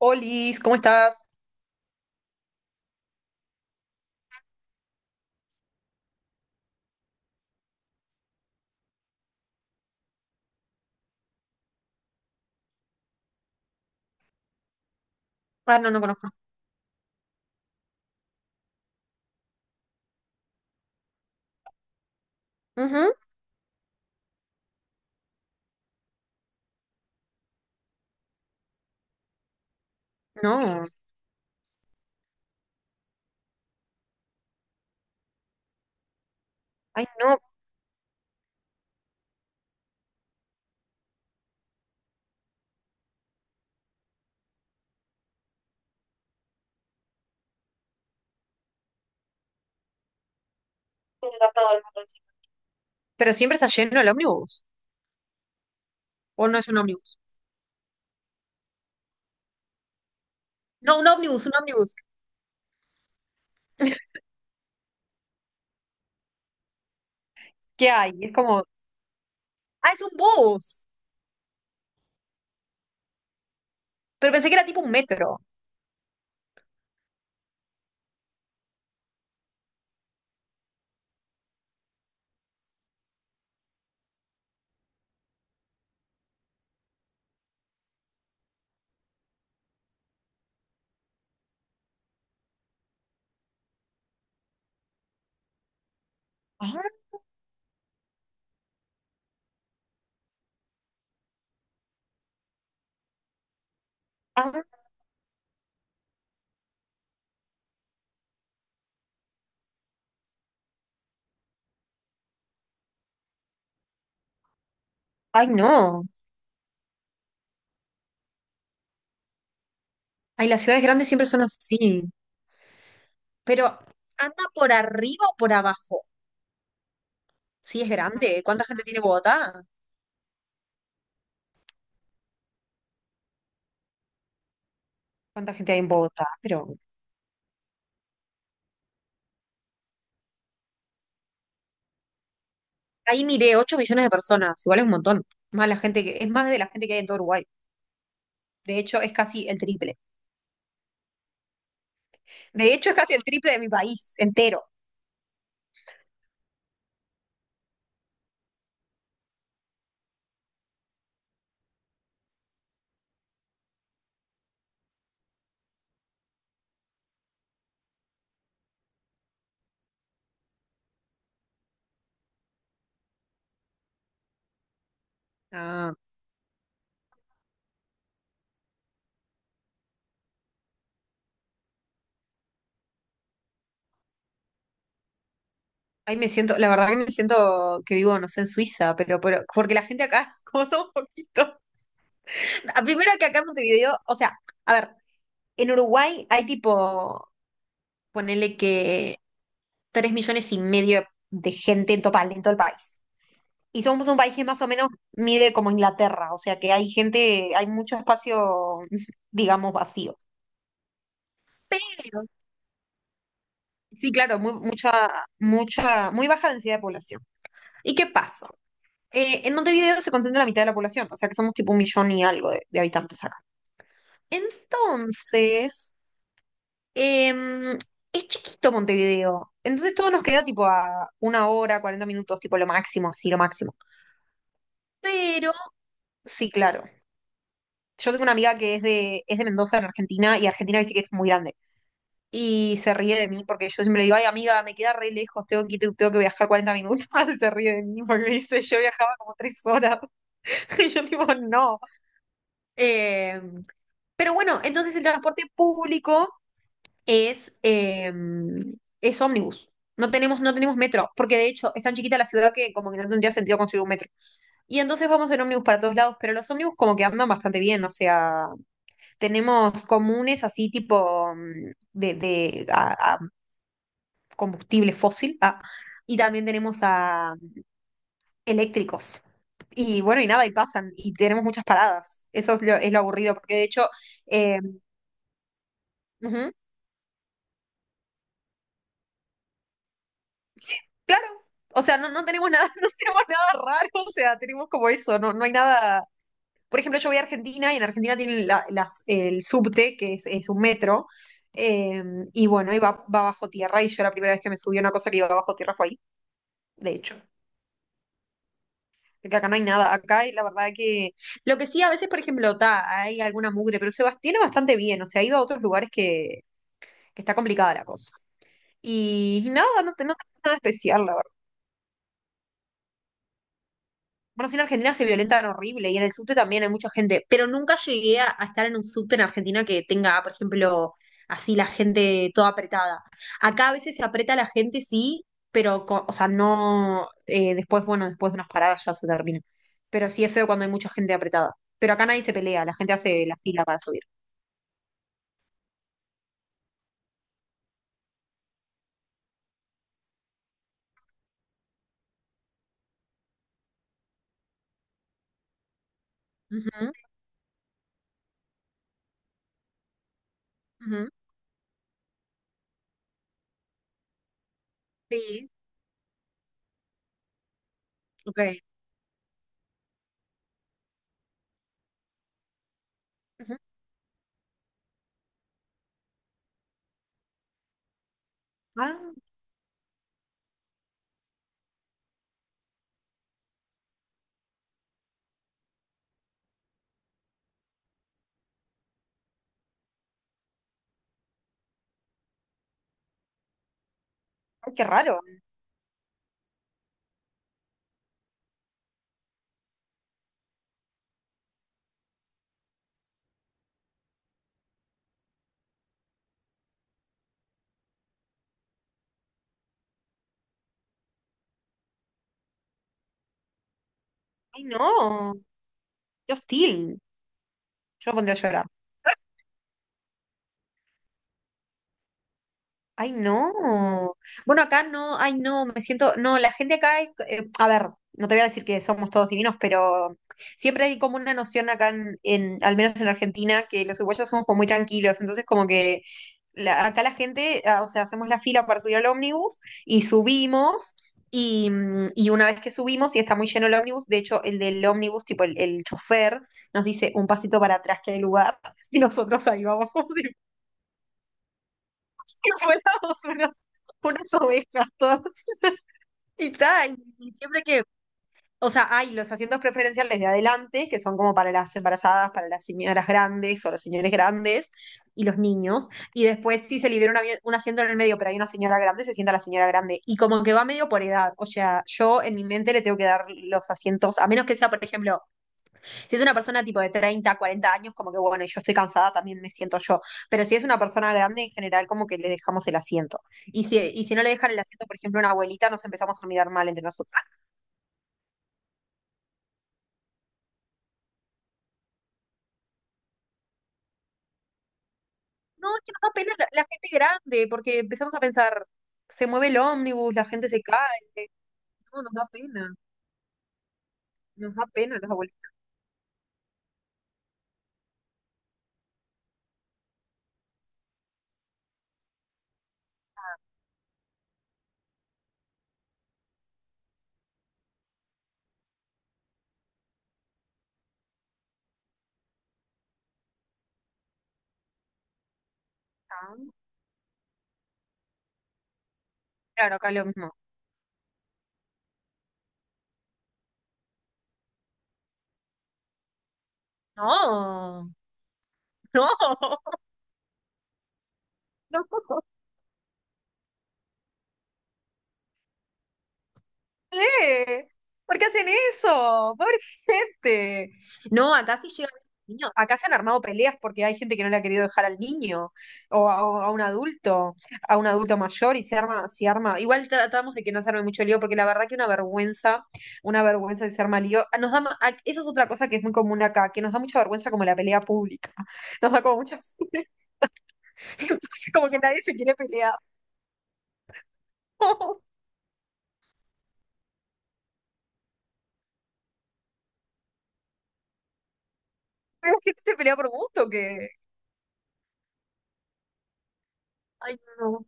Olis, ¿cómo estás? Ah, no, no conozco. Ujú, No. Ay, no. Pero siempre está lleno el ómnibus. ¿O no es un ómnibus? No, un ómnibus, un ómnibus. ¿Qué hay? Es como. Ah, es un bus. Pero pensé que era tipo un metro. Ah, ah. Ay, no. Ay, las ciudades grandes siempre son así. Pero, ¿anda por arriba o por abajo? Sí, es grande. ¿Cuánta gente tiene Bogotá? ¿Cuánta gente hay en Bogotá? Pero ahí miré 8 millones de personas. Igual es un montón. Más la gente que, es más de la gente que hay en todo Uruguay. De hecho, es casi el triple. De hecho, es casi el triple de mi país entero. Ah, Ahí me siento, la verdad que me siento que vivo, no sé, en Suiza, pero porque la gente acá, como somos poquitos. Ah, Primero que acá en Montevideo, o sea, a ver, en Uruguay hay tipo, ponele que 3,5 millones de gente en total, en todo el país. Y somos un país que más o menos mide como Inglaterra, o sea que hay gente, hay mucho espacio, digamos, vacío. Sí, claro, muy baja densidad de población. ¿Y qué pasa? En Montevideo se concentra la mitad de la población, o sea que somos tipo un millón y algo de habitantes acá. Entonces, em, es chiquito Montevideo, entonces todo nos queda tipo a una hora, 40 minutos, tipo lo máximo, así lo máximo. Pero, sí, claro. Yo tengo una amiga que es de Mendoza, en Argentina, y Argentina dice que es muy grande. Y se ríe de mí porque yo siempre le digo, ay amiga, me queda re lejos, tengo que viajar 40 minutos. Y se ríe de mí porque me dice, yo viajaba como 3 horas. Y yo digo no. Eh, pero bueno, entonces el transporte público es, eh, es ómnibus. No tenemos metro, porque de hecho es tan chiquita la ciudad que como que no tendría sentido construir un metro. Y entonces vamos en ómnibus para todos lados, pero los ómnibus como que andan bastante bien, o sea, tenemos comunes así tipo de a, combustible fósil, y también tenemos a eléctricos. Y bueno, y nada, y pasan, y tenemos muchas paradas. Eso es lo aburrido, porque de hecho, eh, ujú, sí, claro, o sea, no, no tenemos nada, no tenemos nada raro, o sea, tenemos como eso, no, no hay nada. Por ejemplo, yo voy a Argentina y en Argentina tienen el subte, que es un metro, eh, y bueno, y va, va bajo tierra, y yo la primera vez que me subí a una cosa que iba bajo tierra fue ahí, de hecho. Porque acá no hay nada. Acá hay, la verdad que. Lo que sí, a veces, por ejemplo, ta, hay alguna mugre, pero tiene bastante bien. O sea, ha ido a otros lugares que está complicada la cosa. Y nada, no, no tengo nada especial, la verdad. Bueno, sí, en Argentina se violentan horrible y en el subte también hay mucha gente, pero nunca llegué a estar en un subte en Argentina que tenga, por ejemplo, así la gente toda apretada. Acá a veces se aprieta la gente, sí, pero, o sea, no, después, bueno, después de unas paradas ya se termina. Pero sí es feo cuando hay mucha gente apretada. Pero acá nadie se pelea, la gente hace la fila para subir. Ujú, ujú, Sí, ok. Ujú. Ah, ay, qué raro. Ay, no, qué hostil. Yo me pondría a llorar. Ay, no. Bueno, acá no, ay, no, me siento, no, la gente acá es, a ver, no te voy a decir que somos todos divinos, pero siempre hay como una noción acá en al menos en Argentina, que los uruguayos somos como muy tranquilos, entonces como que acá la gente, ah, o sea, hacemos la fila para subir al ómnibus y subimos. Y una vez que subimos y está muy lleno el ómnibus, de hecho el del ómnibus, tipo el chofer, nos dice un pasito para atrás que hay lugar y nosotros ahí vamos que fuéramos unos- unas ovejas todas. Y tal, y siempre que, o sea, hay los asientos preferenciales de adelante, que son como para las embarazadas, para las señoras grandes o los señores grandes y los niños. Y después si se libera un asiento en el medio, pero hay una señora grande, se sienta la señora grande. Y como que va medio por edad. O sea, yo en mi mente le tengo que dar los asientos, a menos que sea, por ejemplo, si es una persona tipo de 30, 40 años, como que bueno, y yo estoy cansada, también me siento yo. Pero si es una persona grande, en general, como que le dejamos el asiento. Y si no le dejan el asiento, por ejemplo, a una abuelita, nos empezamos a mirar mal entre nosotros. Ah, no, es que nos da pena la gente grande, porque empezamos a pensar, se mueve el ómnibus, la gente se cae. No, nos da pena los abuelitos. Ah, Claro, acá es lo mismo. No, no, no. Qué? ¿Por qué hacen eso? Pobre gente. No, acá sí llegan niños, acá se han armado peleas porque hay gente que no le ha querido dejar al niño o a un adulto mayor y se arma, se arma. Igual tratamos de que no se arme mucho lío porque la verdad que una vergüenza de se arma lío. Ah, Nos da, ma- a- eso es otra cosa que es muy común acá, que nos da mucha vergüenza como la pelea pública. Nos da como mucha entonces, como que nadie se quiere pelear. Pero es que se pelea por gusto que... Ay, no.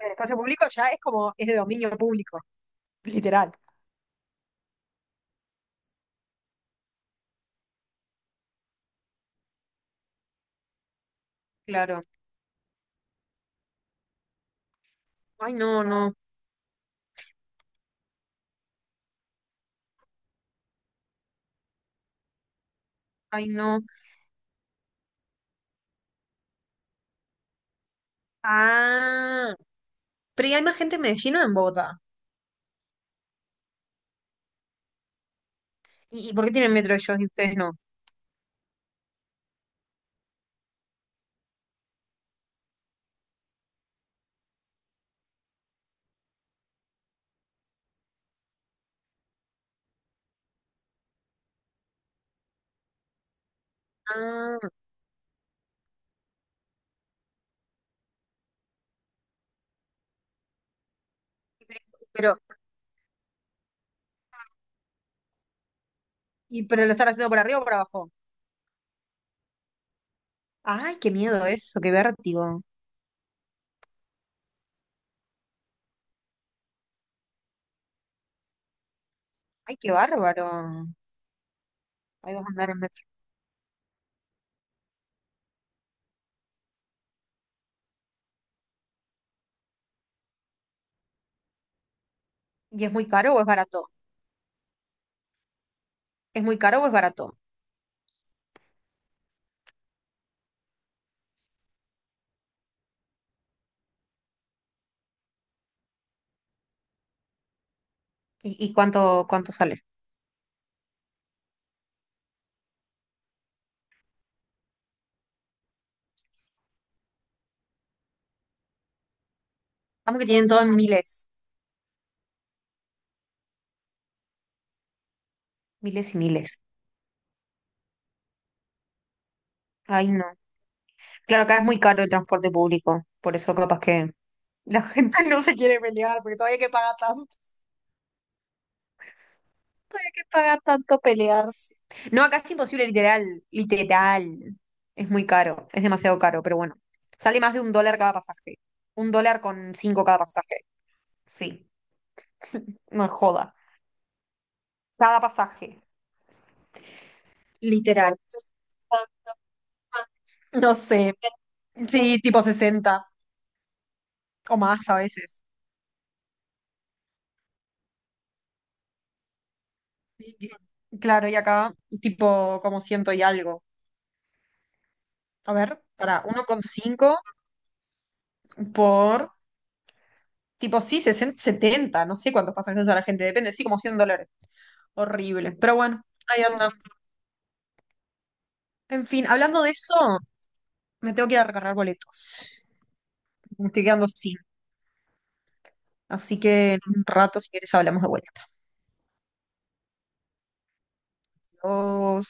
El espacio público ya es como, es de dominio público, literal. Claro. Ay, no, no. Ay, no. Ah, pero ¿y hay más gente en Medellín o en Bogotá? ¿Y por qué tienen metro ellos y ustedes no? Ah, y pero- pero lo están haciendo por arriba o por abajo. Ay, qué miedo eso, qué vértigo. Ay, qué bárbaro. Ahí vas a andar en metro. ¿Y es muy caro o es barato? ¿Es muy caro o es barato? ¿Y cuánto sale? Vamos que tienen todo en miles, miles y miles. Ay, no. Claro, acá es muy caro el transporte público, por eso capaz que la gente no se quiere pelear, porque todavía que paga tanto pelearse. No, acá es imposible, literal, literal. Es muy caro, es demasiado caro, pero bueno, sale más de $1 cada pasaje. $1,05 cada pasaje. Sí, no es joda. Cada pasaje, literal. No sé, sí, tipo 60 o más a veces. Sí. Claro, y acá tipo como ciento y algo. A ver, para 1,5 por, tipo, sí, 60 70 no sé cuántos pasajeros a la gente, depende, sí, como $100. Horrible. Pero bueno, ahí anda. En fin, hablando de eso, me tengo que ir a recargar boletos. Me estoy quedando sin. Así que en un rato, si quieres, hablamos de vuelta. Adiós.